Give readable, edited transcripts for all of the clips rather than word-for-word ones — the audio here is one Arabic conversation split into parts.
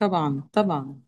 طبعا، طبعا.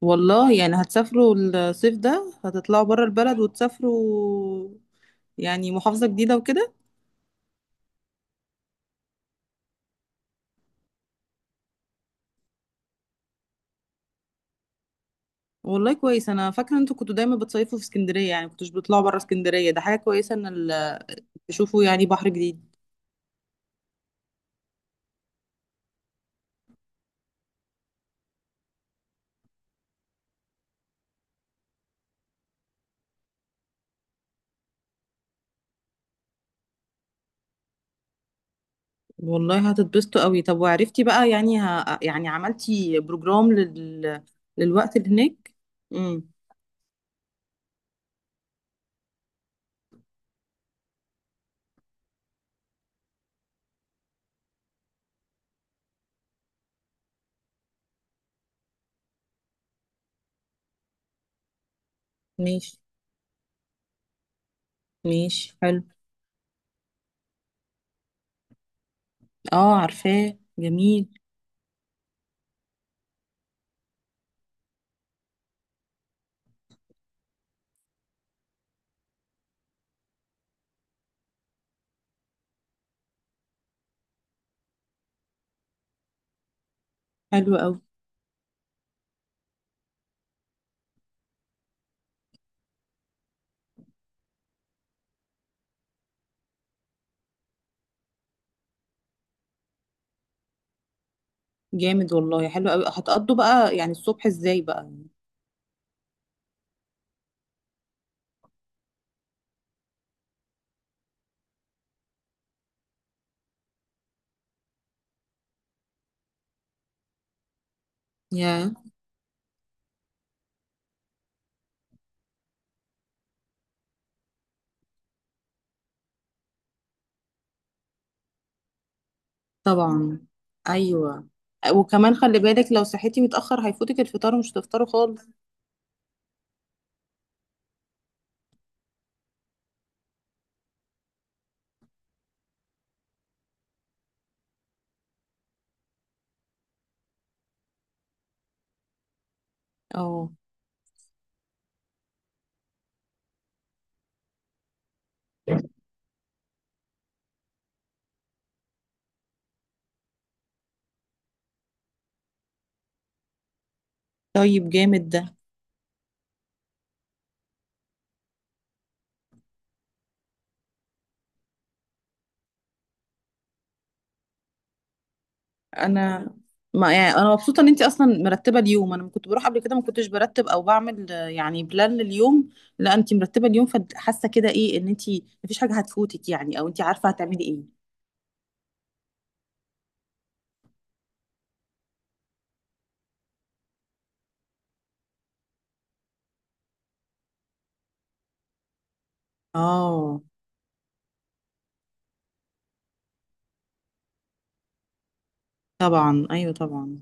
والله يعني هتسافروا الصيف ده، هتطلعوا بره البلد وتسافروا، يعني محافظة جديدة وكده. والله كويس، انا فاكرة انتوا كنتوا دايما بتصيفوا في اسكندرية، يعني كنتوش بتطلعوا بره اسكندرية، ده حاجة كويسة ان تشوفوا يعني بحر جديد. والله هتتبسطوا قوي. طب وعرفتي بقى يعني يعني عملتي بروجرام للوقت اللي هناك. امم. ماشي. ماشي، حلو. اه، عارفاه، جميل. حلو قوي. جامد، والله حلو قوي. هتقضوا بقى يعني الصبح ازاي بقى؟ يا. طبعا. ايوه. وكمان خلي بالك، لو صحيتي متأخر هيفوتك الفطار ومش هتفطروا خالص. اه. طيب، جامد ده. انا. ما يعني انا مبسوطه ان انت اصلا مرتبه اليوم، انا كنت بروح قبل كده ما كنتش برتب او بعمل يعني بلان لليوم. لا انت مرتبه اليوم، فحاسه كده ايه ان انت مفيش حاجه هتفوتك، يعني او انت عارفه هتعملي ايه. اه. طبعا ايوه، طبعا.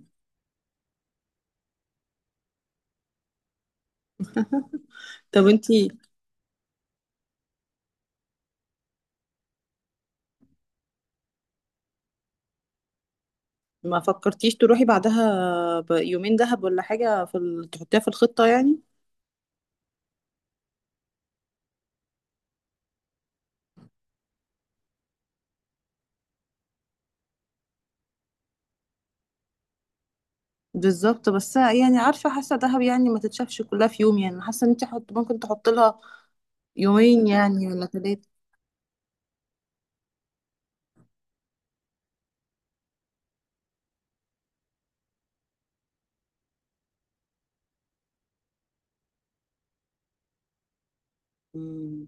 طب انت ما فكرتيش تروحي بعدها بيومين دهب ولا حاجة في تحطيها في الخطة يعني؟ بالظبط، بس يعني عارفة، حاسة دهب يعني ما تتشافش كلها في يوم، يعني حاسة ان انت ممكن تحط لها يومين يعني، ولا ثلاثة. مم.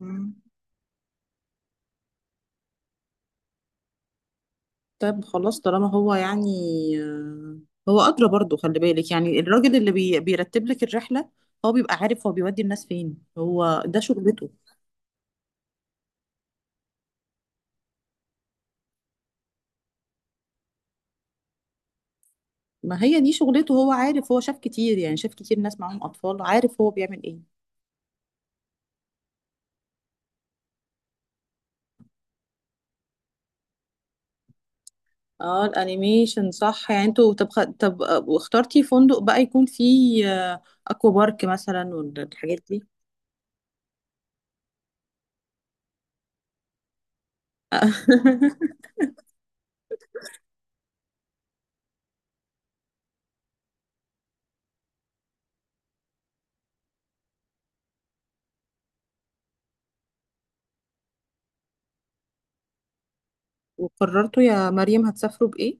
مم. طيب خلاص، طالما هو يعني آه، هو أدرى. برضو خلي بالك يعني الراجل اللي بيرتب لك الرحلة هو بيبقى عارف، هو بيودي الناس فين، هو ده شغلته. ما هي دي شغلته، هو عارف، هو شاف كتير، يعني شاف كتير ناس معاهم أطفال، عارف هو بيعمل ايه. اه الانيميشن صح، يعني انتوا طب طب واخترتي فندق بقى يكون فيه آه، اكوا بارك مثلا والحاجات دي؟ وقررتوا يا مريم هتسافروا بايه؟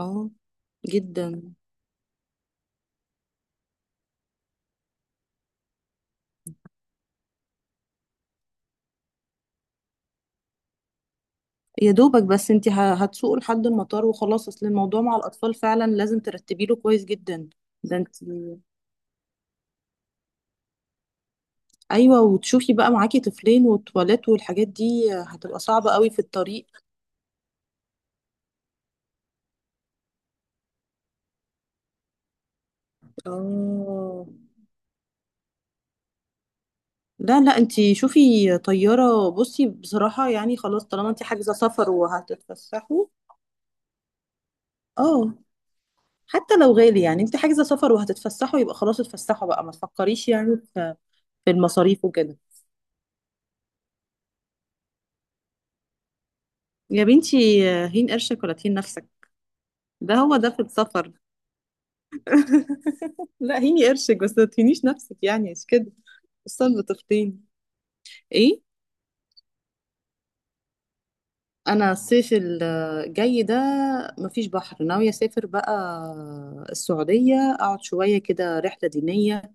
اه. جدا. يا دوبك، بس انت هتسوقوا لحد المطار وخلاص، اصل الموضوع مع الاطفال فعلا لازم ترتبي له كويس جدا. ده انت. ايوه، وتشوفي بقى معاكي طفلين والتواليت والحاجات دي هتبقى صعبة قوي في الطريق. اه. لا، لا، انت شوفي طيارة، بصي بصراحة يعني خلاص طالما انت حاجزة سفر وهتتفسحوا. اه. حتى لو غالي يعني، انت حاجزة سفر وهتتفسحوا يبقى خلاص، اتفسحوا بقى، ما تفكريش يعني في المصاريف وكده. يا بنتي، هين قرشك ولا تهين نفسك. ده هو ده في السفر. لا، هيني قرشك بس ما تهينيش نفسك، يعني مش كده؟ الصيف بتفطين. ايه؟ انا الصيف الجاي ده مفيش بحر، ناوية اسافر بقى السعودية، اقعد شوية كده رحلة دينية.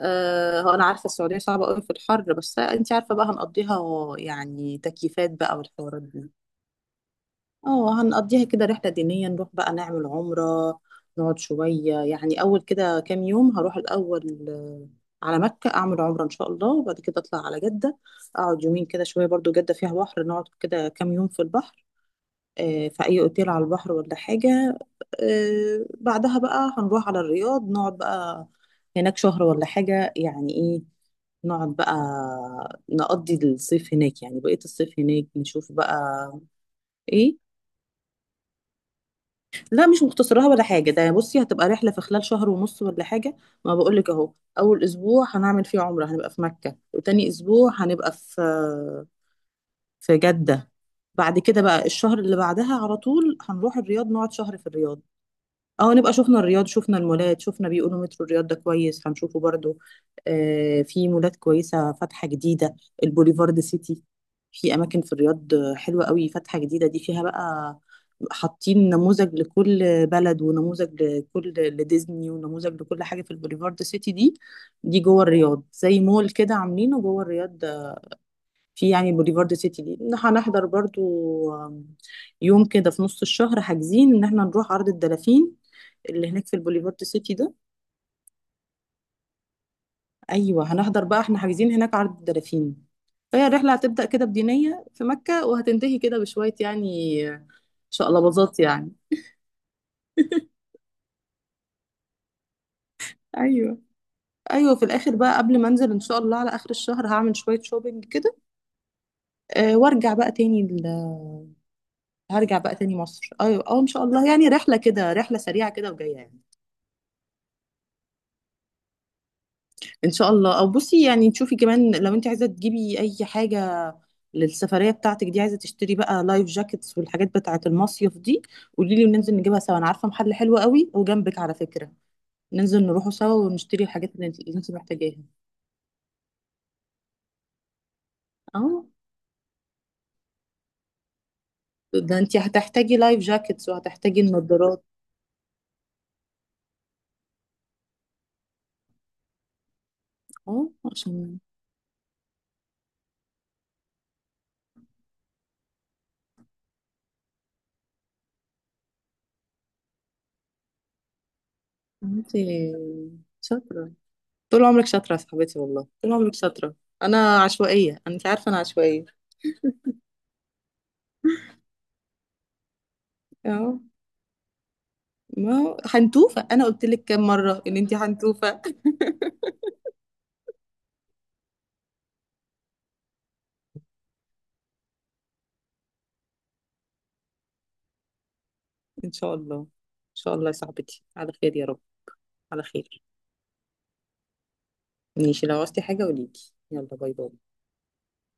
هو انا عارفه السعوديه صعبه قوي في الحر، بس انت عارفه بقى هنقضيها، يعني تكييفات بقى والحوارات دي. اه هنقضيها كده رحله دينيه، نروح بقى نعمل عمره، نقعد شويه يعني. اول كده كام يوم هروح الاول على مكه اعمل عمره ان شاء الله، وبعد كده اطلع على جده، اقعد يومين كده شويه، برضو جده فيها بحر، نقعد كده كام يوم في البحر في اي اوتيل على البحر ولا حاجه. بعدها بقى هنروح على الرياض، نقعد بقى هناك شهر ولا حاجة يعني. ايه؟ نقعد بقى نقضي الصيف هناك، يعني بقية الصيف هناك، نشوف بقى. ايه؟ لا مش مختصرها ولا حاجة، ده بصي هتبقى رحلة في خلال شهر ونص ولا حاجة، ما بقولك اهو. اول اسبوع هنعمل فيه عمرة هنبقى في مكة، وتاني اسبوع هنبقى في جدة. بعد كده بقى الشهر اللي بعدها على طول هنروح الرياض، نقعد شهر في الرياض. اه نبقى شفنا الرياض، شفنا المولات، شفنا بيقولوا مترو الرياض ده كويس، هنشوفه برضو. آه، في مولات كويسة فاتحة جديدة، البوليفارد سيتي. في أماكن في الرياض حلوة قوي فاتحة جديدة، دي فيها بقى حاطين نموذج لكل بلد، ونموذج لكل لديزني، ونموذج لكل حاجة في البوليفارد سيتي دي. دي جوه الرياض زي مول كده عاملينه جوه الرياض. في يعني بوليفارد سيتي دي هنحضر برضو آم، يوم كده في نص الشهر حاجزين ان احنا نروح عرض الدلافين اللي هناك في البوليفارد سيتي ده. ايوه هنحضر بقى، احنا حاجزين هناك عرض الدلافين. فهي الرحله هتبدا كده بدينيه في مكه، وهتنتهي كده بشويه، يعني شقلباظات يعني. ايوه، ايوه، في الاخر بقى قبل ما انزل ان شاء الله على اخر الشهر هعمل شويه شوبينج كده. أه وارجع بقى تاني هرجع بقى تاني مصر، ايوه اه ان شاء الله يعني. رحله كده، رحله سريعه كده وجايه يعني. ان شاء الله. او بصي يعني تشوفي كمان لو انت عايزه تجيبي اي حاجه للسفريه بتاعتك دي، عايزه تشتري بقى لايف جاكيتس والحاجات بتاعه المصيف دي، قولي لي وننزل نجيبها سوا. انا عارفه محل حلو قوي وجنبك على فكره، ننزل نروحوا سوا ونشتري الحاجات اللي انت محتاجاها اه. ده انت هتحتاجي لايف جاكيتس وهتحتاجي النضارات. اه عشان انت شاطره، طول عمرك شاطره يا صاحبتي، والله طول عمرك شاطره. انا عشوائيه، انت عارفه، انا عشوائيه. اه ما هو حنتوفة، أنا قلت لك كام مرة إن أنتي حنتوفة. إن شاء الله، إن شاء الله يا صاحبتي، على خير يا رب. على خير. ماشي، لو عوزتي حاجة قوليلي. يلا، باي باي.